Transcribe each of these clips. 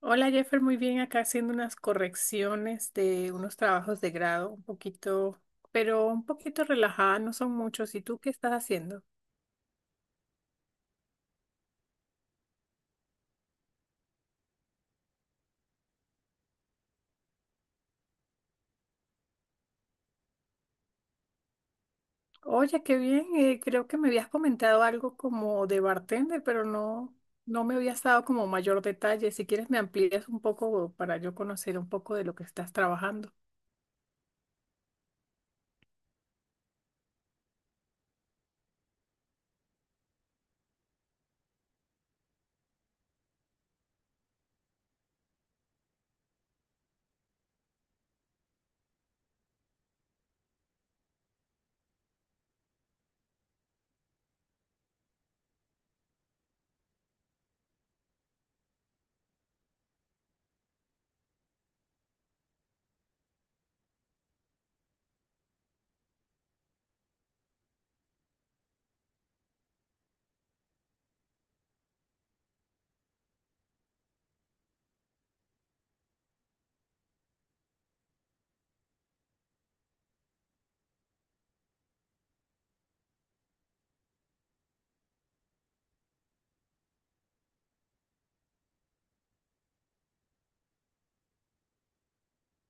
Hola Jeffer, muy bien, acá haciendo unas correcciones de unos trabajos de grado, un poquito, pero un poquito relajada, no son muchos. ¿Y tú qué estás haciendo? Oye, qué bien, creo que me habías comentado algo como de bartender, pero no, no me habías dado como mayor detalle. Si quieres me amplías un poco para yo conocer un poco de lo que estás trabajando.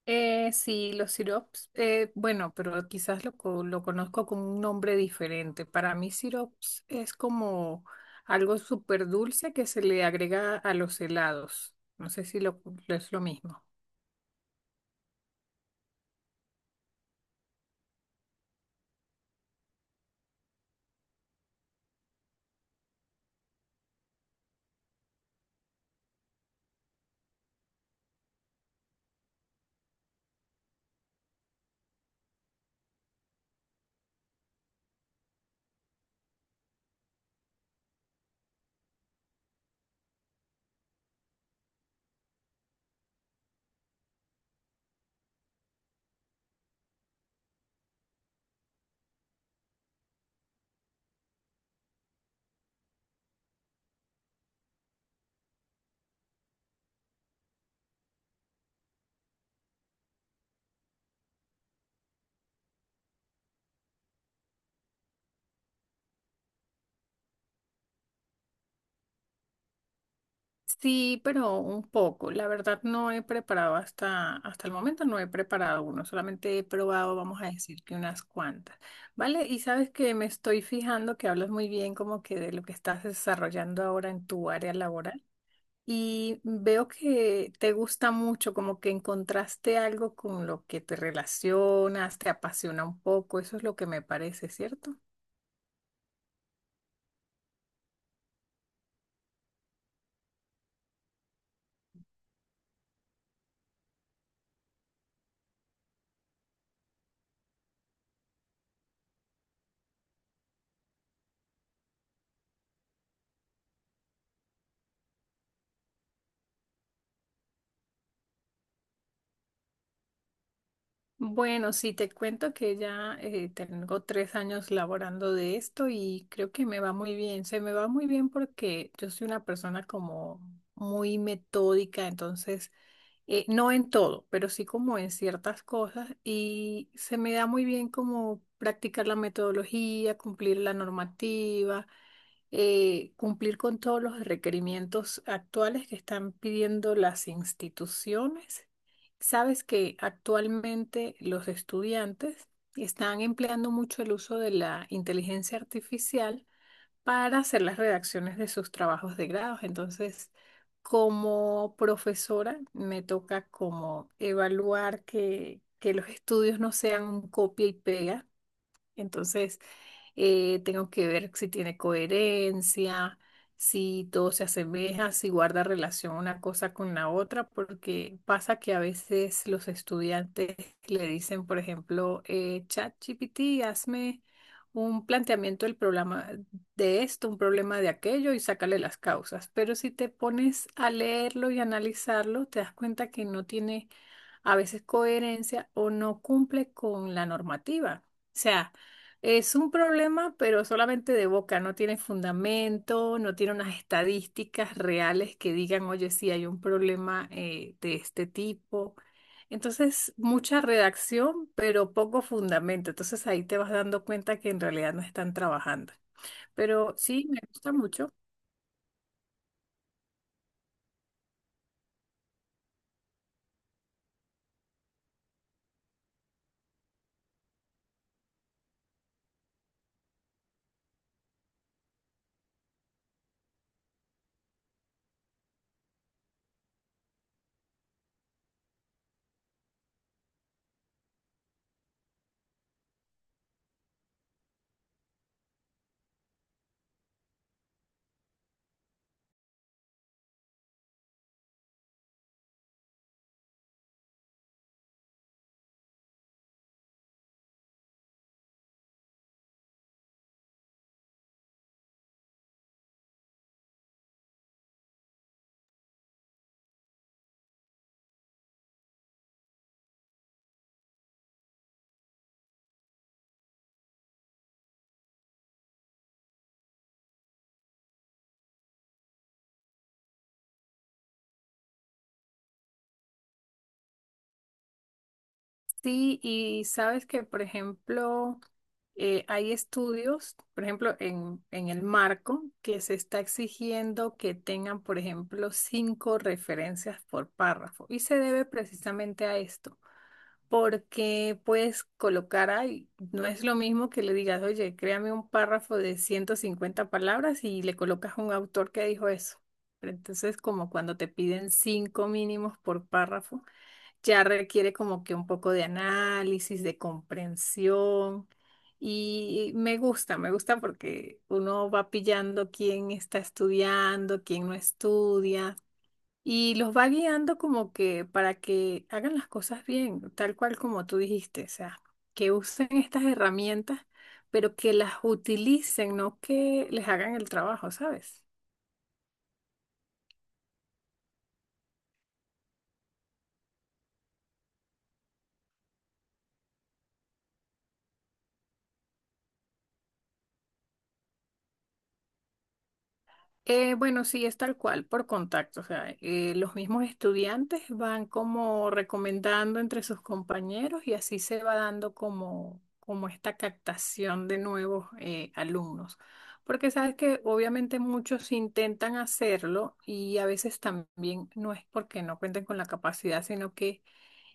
Sí, los sirops, bueno, pero quizás lo conozco con un nombre diferente. Para mí, sirops es como algo súper dulce que se le agrega a los helados. No sé si lo, es lo mismo. Sí, pero un poco. La verdad, no he preparado hasta el momento, no he preparado uno. Solamente he probado, vamos a decir que unas cuantas. ¿Vale? Y sabes que me estoy fijando que hablas muy bien como que de lo que estás desarrollando ahora en tu área laboral. Y veo que te gusta mucho, como que encontraste algo con lo que te relacionas, te apasiona un poco, eso es lo que me parece, ¿cierto? Bueno, sí, te cuento que ya tengo 3 años laborando de esto y creo que me va muy bien. Se me va muy bien porque yo soy una persona como muy metódica, entonces, no en todo, pero sí como en ciertas cosas y se me da muy bien como practicar la metodología, cumplir la normativa. Cumplir con todos los requerimientos actuales que están pidiendo las instituciones. Sabes que actualmente los estudiantes están empleando mucho el uso de la inteligencia artificial para hacer las redacciones de sus trabajos de grados. Entonces, como profesora, me toca como evaluar que los estudios no sean un copia y pega. Entonces, tengo que ver si tiene coherencia, si todo se asemeja, si guarda relación una cosa con la otra, porque pasa que a veces los estudiantes le dicen, por ejemplo, ChatGPT, hazme un planteamiento del problema de esto, un problema de aquello y sácale las causas. Pero si te pones a leerlo y analizarlo, te das cuenta que no tiene a veces coherencia o no cumple con la normativa. O sea, es un problema, pero solamente de boca, no tiene fundamento, no tiene unas estadísticas reales que digan, oye, sí hay un problema de este tipo. Entonces, mucha redacción, pero poco fundamento. Entonces ahí te vas dando cuenta que en realidad no están trabajando. Pero sí, me gusta mucho. Sí, y sabes que, por ejemplo, hay estudios, por ejemplo, en el marco, que se está exigiendo que tengan, por ejemplo, 5 referencias por párrafo. Y se debe precisamente a esto, porque puedes colocar ahí, no es lo mismo que le digas, oye, créame un párrafo de 150 palabras y le colocas un autor que dijo eso. Pero entonces, como cuando te piden 5 mínimos por párrafo ya requiere como que un poco de análisis, de comprensión. Y me gusta porque uno va pillando quién está estudiando, quién no estudia, y los va guiando como que para que hagan las cosas bien, tal cual como tú dijiste, o sea, que usen estas herramientas, pero que las utilicen, no que les hagan el trabajo, ¿sabes? Bueno, sí, es tal cual, por contacto. O sea, los mismos estudiantes van como recomendando entre sus compañeros y así se va dando como esta captación de nuevos alumnos. Porque sabes que obviamente muchos intentan hacerlo y a veces también no es porque no cuenten con la capacidad, sino que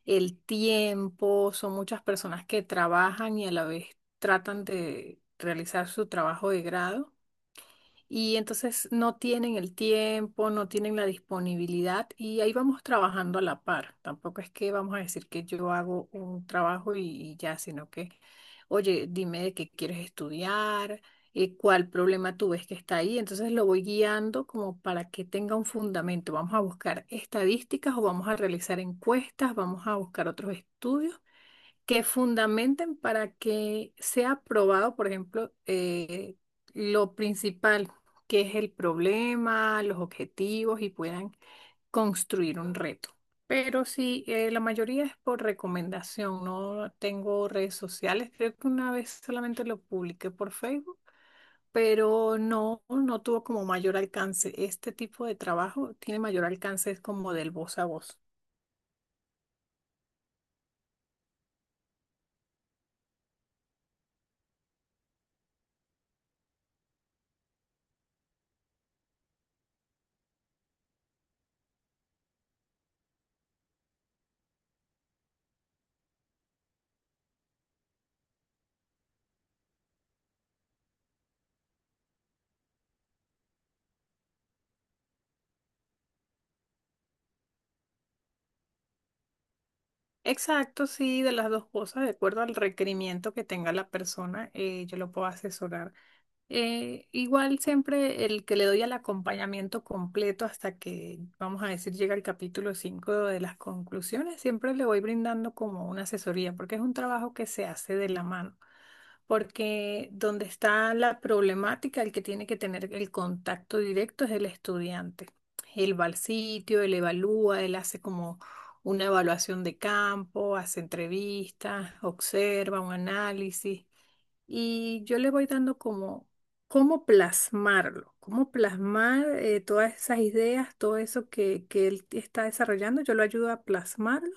el tiempo, son muchas personas que trabajan y a la vez tratan de realizar su trabajo de grado y entonces no tienen el tiempo, no tienen la disponibilidad y ahí vamos trabajando a la par. Tampoco es que vamos a decir que yo hago un trabajo y ya, sino que, oye, dime de qué quieres estudiar, cuál problema tú ves que está ahí. Entonces lo voy guiando como para que tenga un fundamento. Vamos a buscar estadísticas o vamos a realizar encuestas, vamos a buscar otros estudios que fundamenten para que sea aprobado, por ejemplo, lo principal, que es el problema, los objetivos y puedan construir un reto. Pero sí, la mayoría es por recomendación. No tengo redes sociales. Creo que una vez solamente lo publiqué por Facebook, pero no, no tuvo como mayor alcance. Este tipo de trabajo tiene mayor alcance, es como del voz a voz. Exacto, sí, de las dos cosas, de acuerdo al requerimiento que tenga la persona, yo lo puedo asesorar. Igual siempre el que le doy al acompañamiento completo hasta que, vamos a decir, llega el capítulo 5 de las conclusiones, siempre le voy brindando como una asesoría, porque es un trabajo que se hace de la mano porque donde está la problemática, el que tiene que tener el contacto directo es el estudiante. Él va al sitio, él evalúa, él hace como una evaluación de campo, hace entrevistas, observa un análisis y yo le voy dando como cómo plasmarlo, cómo plasmar todas esas ideas, todo eso que él está desarrollando, yo lo ayudo a plasmarlo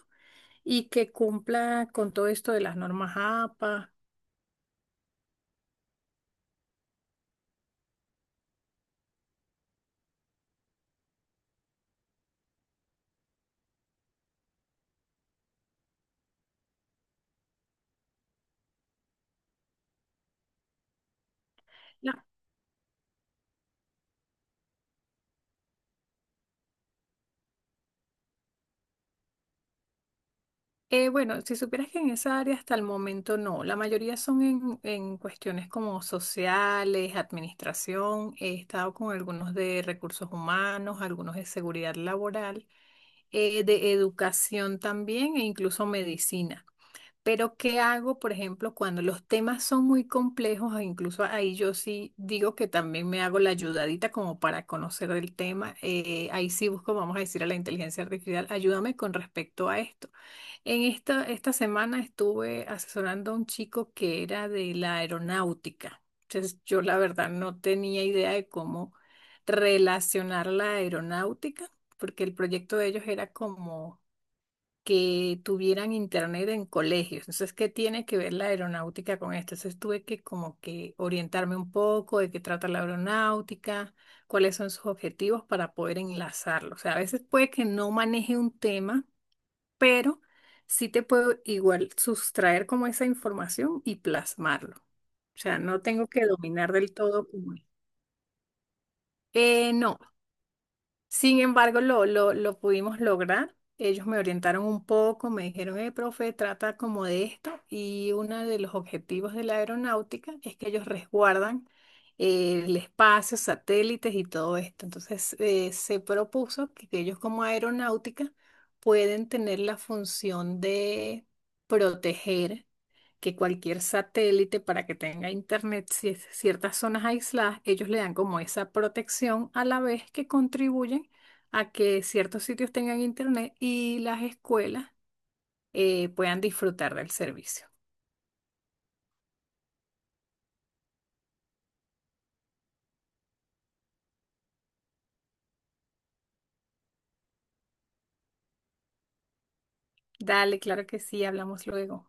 y que cumpla con todo esto de las normas APA. Bueno, si supieras que en esa área hasta el momento no, la mayoría son en cuestiones como sociales, administración, he estado con algunos de recursos humanos, algunos de seguridad laboral, de educación también e incluso medicina. Pero ¿qué hago, por ejemplo, cuando los temas son muy complejos? E incluso ahí yo sí digo que también me hago la ayudadita como para conocer el tema. Ahí sí busco, vamos a decir, a la inteligencia artificial, ayúdame con respecto a esto. En esta semana estuve asesorando a un chico que era de la aeronáutica. Entonces, yo la verdad no tenía idea de cómo relacionar la aeronáutica, porque el proyecto de ellos era como que tuvieran internet en colegios. Entonces, ¿qué tiene que ver la aeronáutica con esto? Entonces, tuve que como que orientarme un poco de qué trata la aeronáutica, cuáles son sus objetivos para poder enlazarlo. O sea, a veces puede que no maneje un tema, pero sí te puedo igual sustraer como esa información y plasmarlo. O sea, no tengo que dominar del todo como... no. Sin embargo, lo pudimos lograr. Ellos me orientaron un poco, me dijeron, profe, trata como de esto. Y uno de los objetivos de la aeronáutica es que ellos resguardan el espacio, satélites y todo esto. Entonces, se propuso que ellos como aeronáutica pueden tener la función de proteger que cualquier satélite para que tenga internet, si ciertas zonas aisladas, ellos le dan como esa protección a la vez que contribuyen a que ciertos sitios tengan internet y las escuelas puedan disfrutar del servicio. Dale, claro que sí, hablamos luego.